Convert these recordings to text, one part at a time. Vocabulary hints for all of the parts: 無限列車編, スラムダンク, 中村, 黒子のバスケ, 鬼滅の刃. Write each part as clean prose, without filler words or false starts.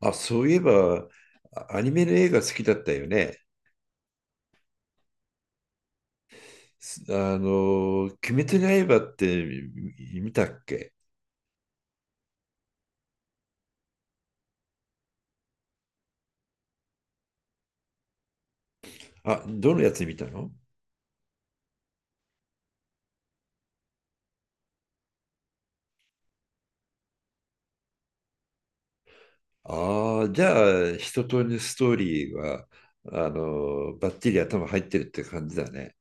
あ、そういえば、アニメの映画好きだったよね。すあの、鬼滅の刃って見たっけ？あ、どのやつ見たの？ああ、じゃあ、一通りのストーリーは、バッチリ頭入ってるって感じだね。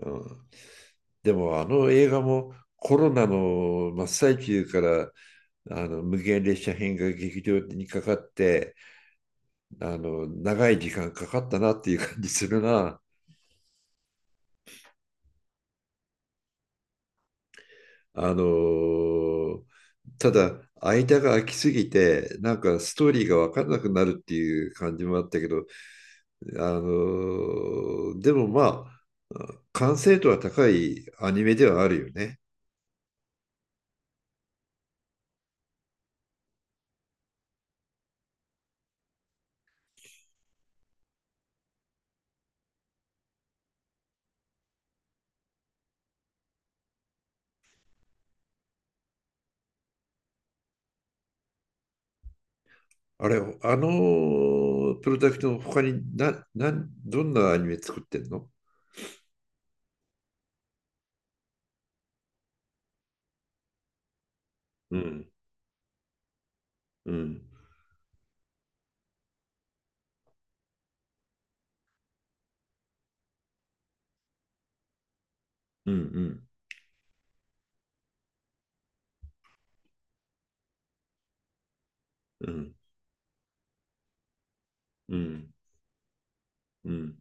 うん。でも、あの映画もコロナの真っ最中から、無限列車編が劇場にかかって、長い時間かかったなっていう感じするな。あのただ間が空きすぎてなんかストーリーが分からなくなるっていう感じもあったけど、でもまあ完成度は高いアニメではあるよね。あれ、あのプロダクトの他にどんなアニメ作ってんの？うん、うん、うん、うん、うん、うん。うん。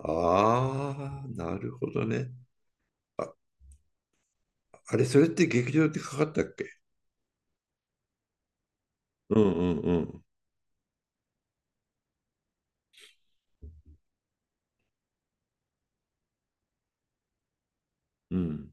ああ、なるほどね。あ、あれ、それって劇場でかかったっけ？うん、うん、うん。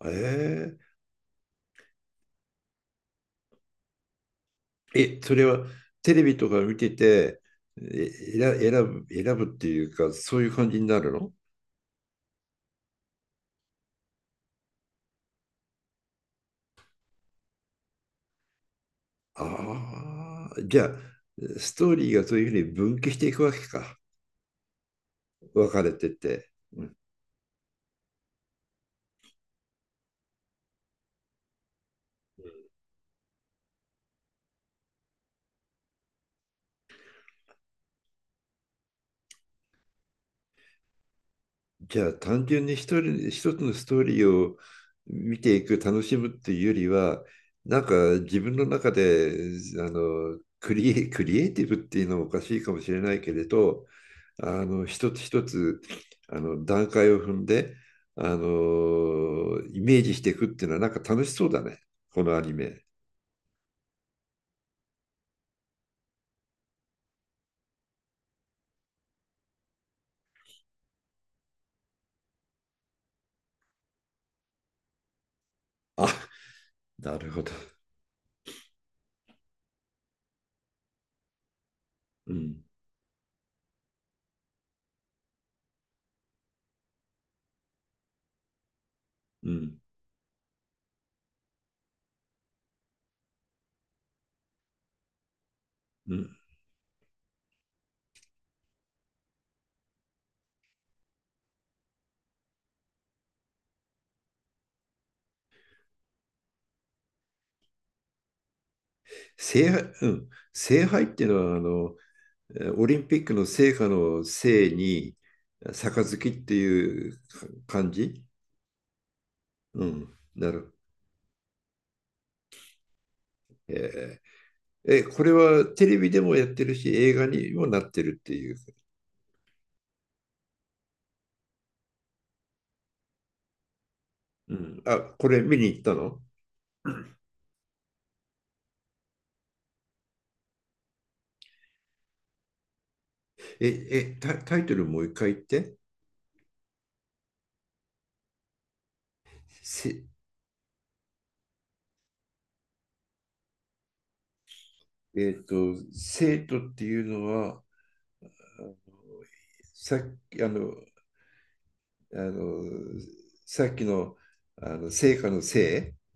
えええ、それはテレビとか見てて、え、選選選ぶっていうか、そういう感じになるの？ああ、じゃあ、ストーリーがそういうふうに分岐していくわけか。分かれてて。うん。じゃあ、単純に一人、一つのストーリーを見ていく、楽しむっていうよりは、なんか自分の中で、クリエイティブっていうのもおかしいかもしれないけれど、一つ一つ段階を踏んでイメージしていくっていうのはなんか楽しそうだね、このアニメ。あ、なるほど。うん、うん、うん。聖杯、うん、聖杯っていうのは、オリンピックの聖火の聖に杯っていう感じ？うん、なる。えーえこれはテレビでもやってるし映画にもなってるっていう？うん、あ、これ見に行ったの？タイトルもう一回言って。せ、えっと、生徒っていうのは、あのさっき、あの、さっきの、成果のせい。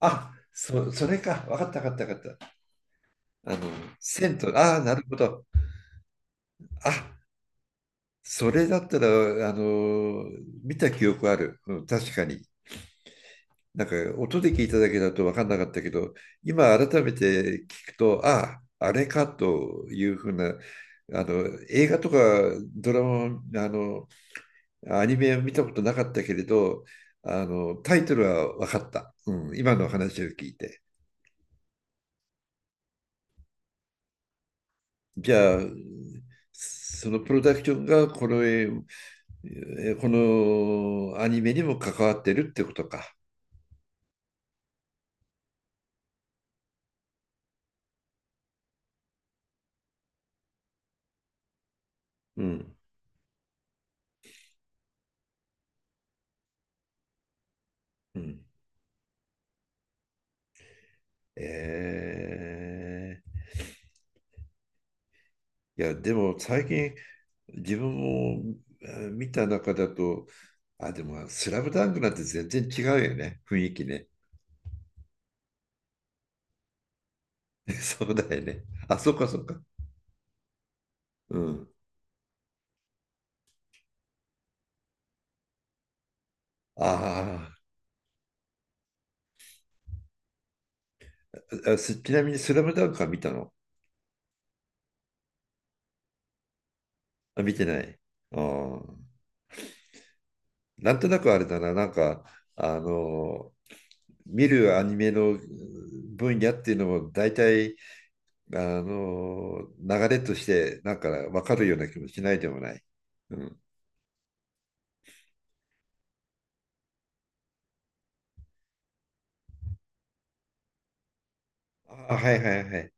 あ、それか。わかった、わかった、わかった。あの、生徒、ああ、なるほど。あ、それだったら、あの、見た記憶ある。うん、確かに。なんか音で聞いただけだと分かんなかったけど、今改めて聞くと、ああ、あれかというふうな、あの映画とかドラマ、あのアニメを見たことなかったけれど、あのタイトルは分かった、うん、今の話を聞いて。じゃあ、そのプロダクションがこのアニメにも関わってるってことか。うん、うん、えーいや、でも最近自分も見た中だと、あ、でも、スラムダンクなんて全然違うよね、雰囲気ね。そうだよね。あ、そっかそっか。うん。あーあ、ちなみにスラムダンクは見たの？あ、見てない。あーなんとなくあれだな、なんか、あのー、見るアニメのうん分野っていうのも大体、流れとして、なんか分かるような気もしないでもない。うん。あ、はいはいはい。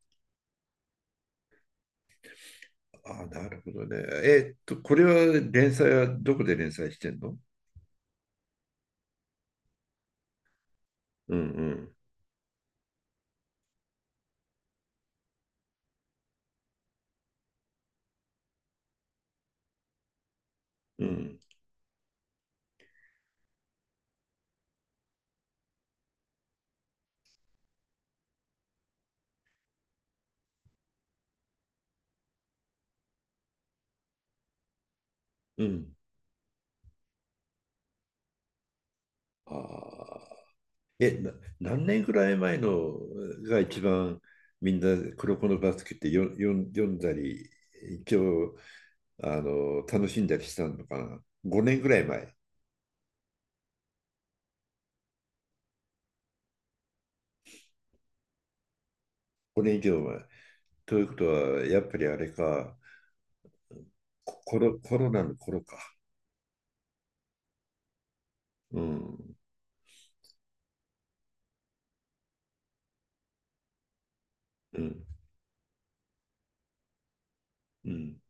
あ、なるほどね。これは連載はどこで連載してんの？うん、うん、うん、うん。ああ。え、な、何年ぐらい前のが一番みんな黒子のバスケってよよん読んだり、一応楽しんだりしたのかな。5年ぐらい前？5年以上前。ということは、やっぱりあれか、コロナの頃か。うん、うん、うん。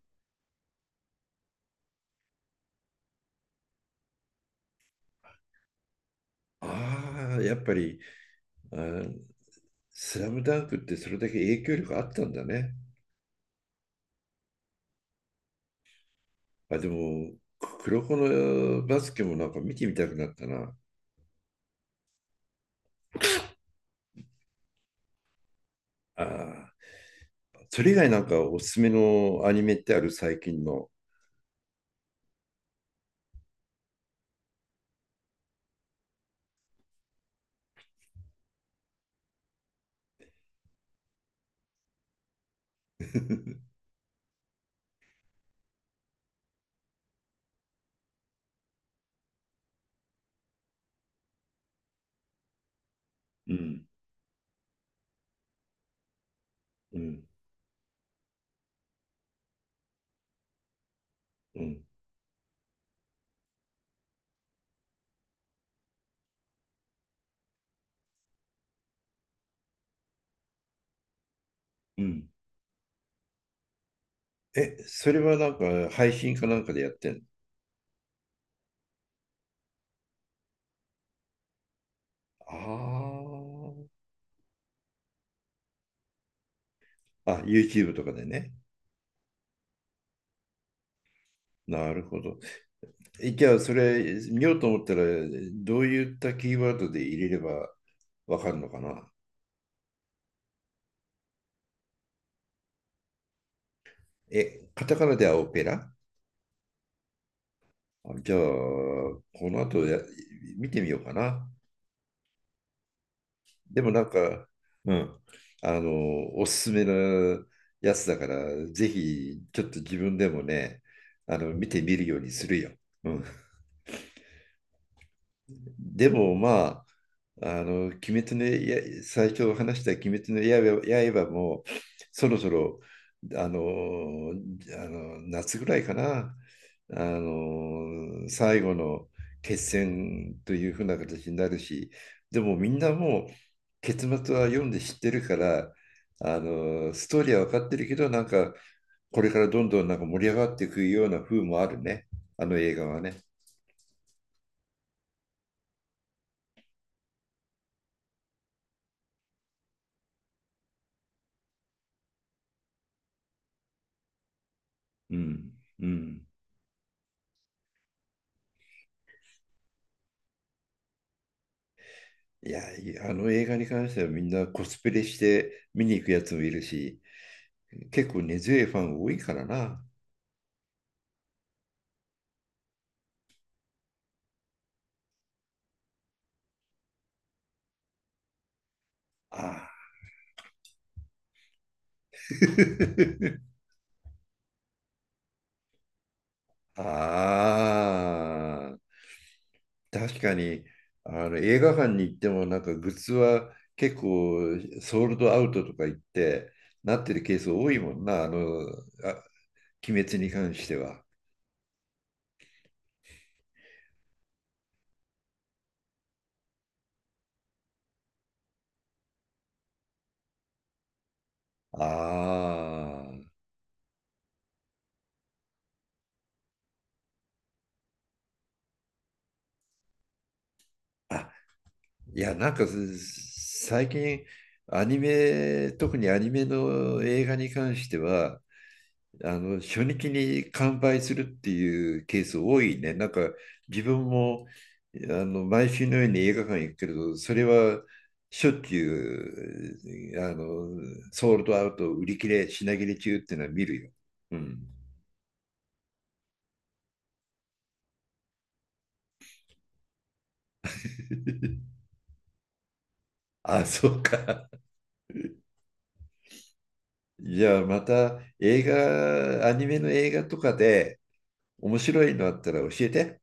ああ、やっぱり、あスラムダンクってそれだけ影響力あったんだね。あ、でも、黒子のバスケもなんか見てみたくなったな。ああ。それ以外なんかおすすめのアニメってある、最近の？うん、うん、うん、うん。それはなんか配信かなんかでやってんの？ああ。あ、YouTube とかでね。なるほど。じゃあ、それ見ようと思ったら、どういったキーワードで入れればわかるのかな？カタカナではオペラ？あ、じゃあ、この後見てみようかな。でもなんか、うん、おすすめのやつだから、ぜひ、ちょっと自分でもね、見てみるようにするよ。うん。でもまあ、鬼滅の刃、最初話した鬼滅の刃も、そろそろ、あの、あの夏ぐらいかな、最後の決戦というふうな形になるし、でもみんなもう、結末は読んで知ってるから、ストーリーは分かってるけど、なんか、これからどんどんなんか盛り上がっていくような風もあるね、あの映画はね。うん、うん。いや、あの映画に関してはみんなコスプレして見に行くやつもいるし、結構根強いファン多いからな。ああ。ああ。確かに、あの映画館に行ってもなんかグッズは結構ソールドアウトとか言ってなってるケース多いもんな、あ、鬼滅に関しては。ああ。あ、いや、なんか最近、アニメ、特にアニメの映画に関しては、初日に完売するっていうケース多いね。なんか自分も毎週のように映画館行くけれど、それはしょっちゅうソールドアウト、売り切れ、品切れ中っていうのは見るよ。うん。あ、そうか。じゃあまた映画、アニメの映画とかで面白いのあったら教えて。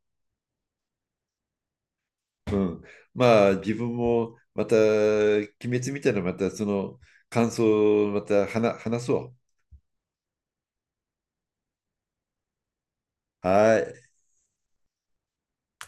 まあ自分もまた、鬼滅みたいなまたその感想をまた話そう。はい。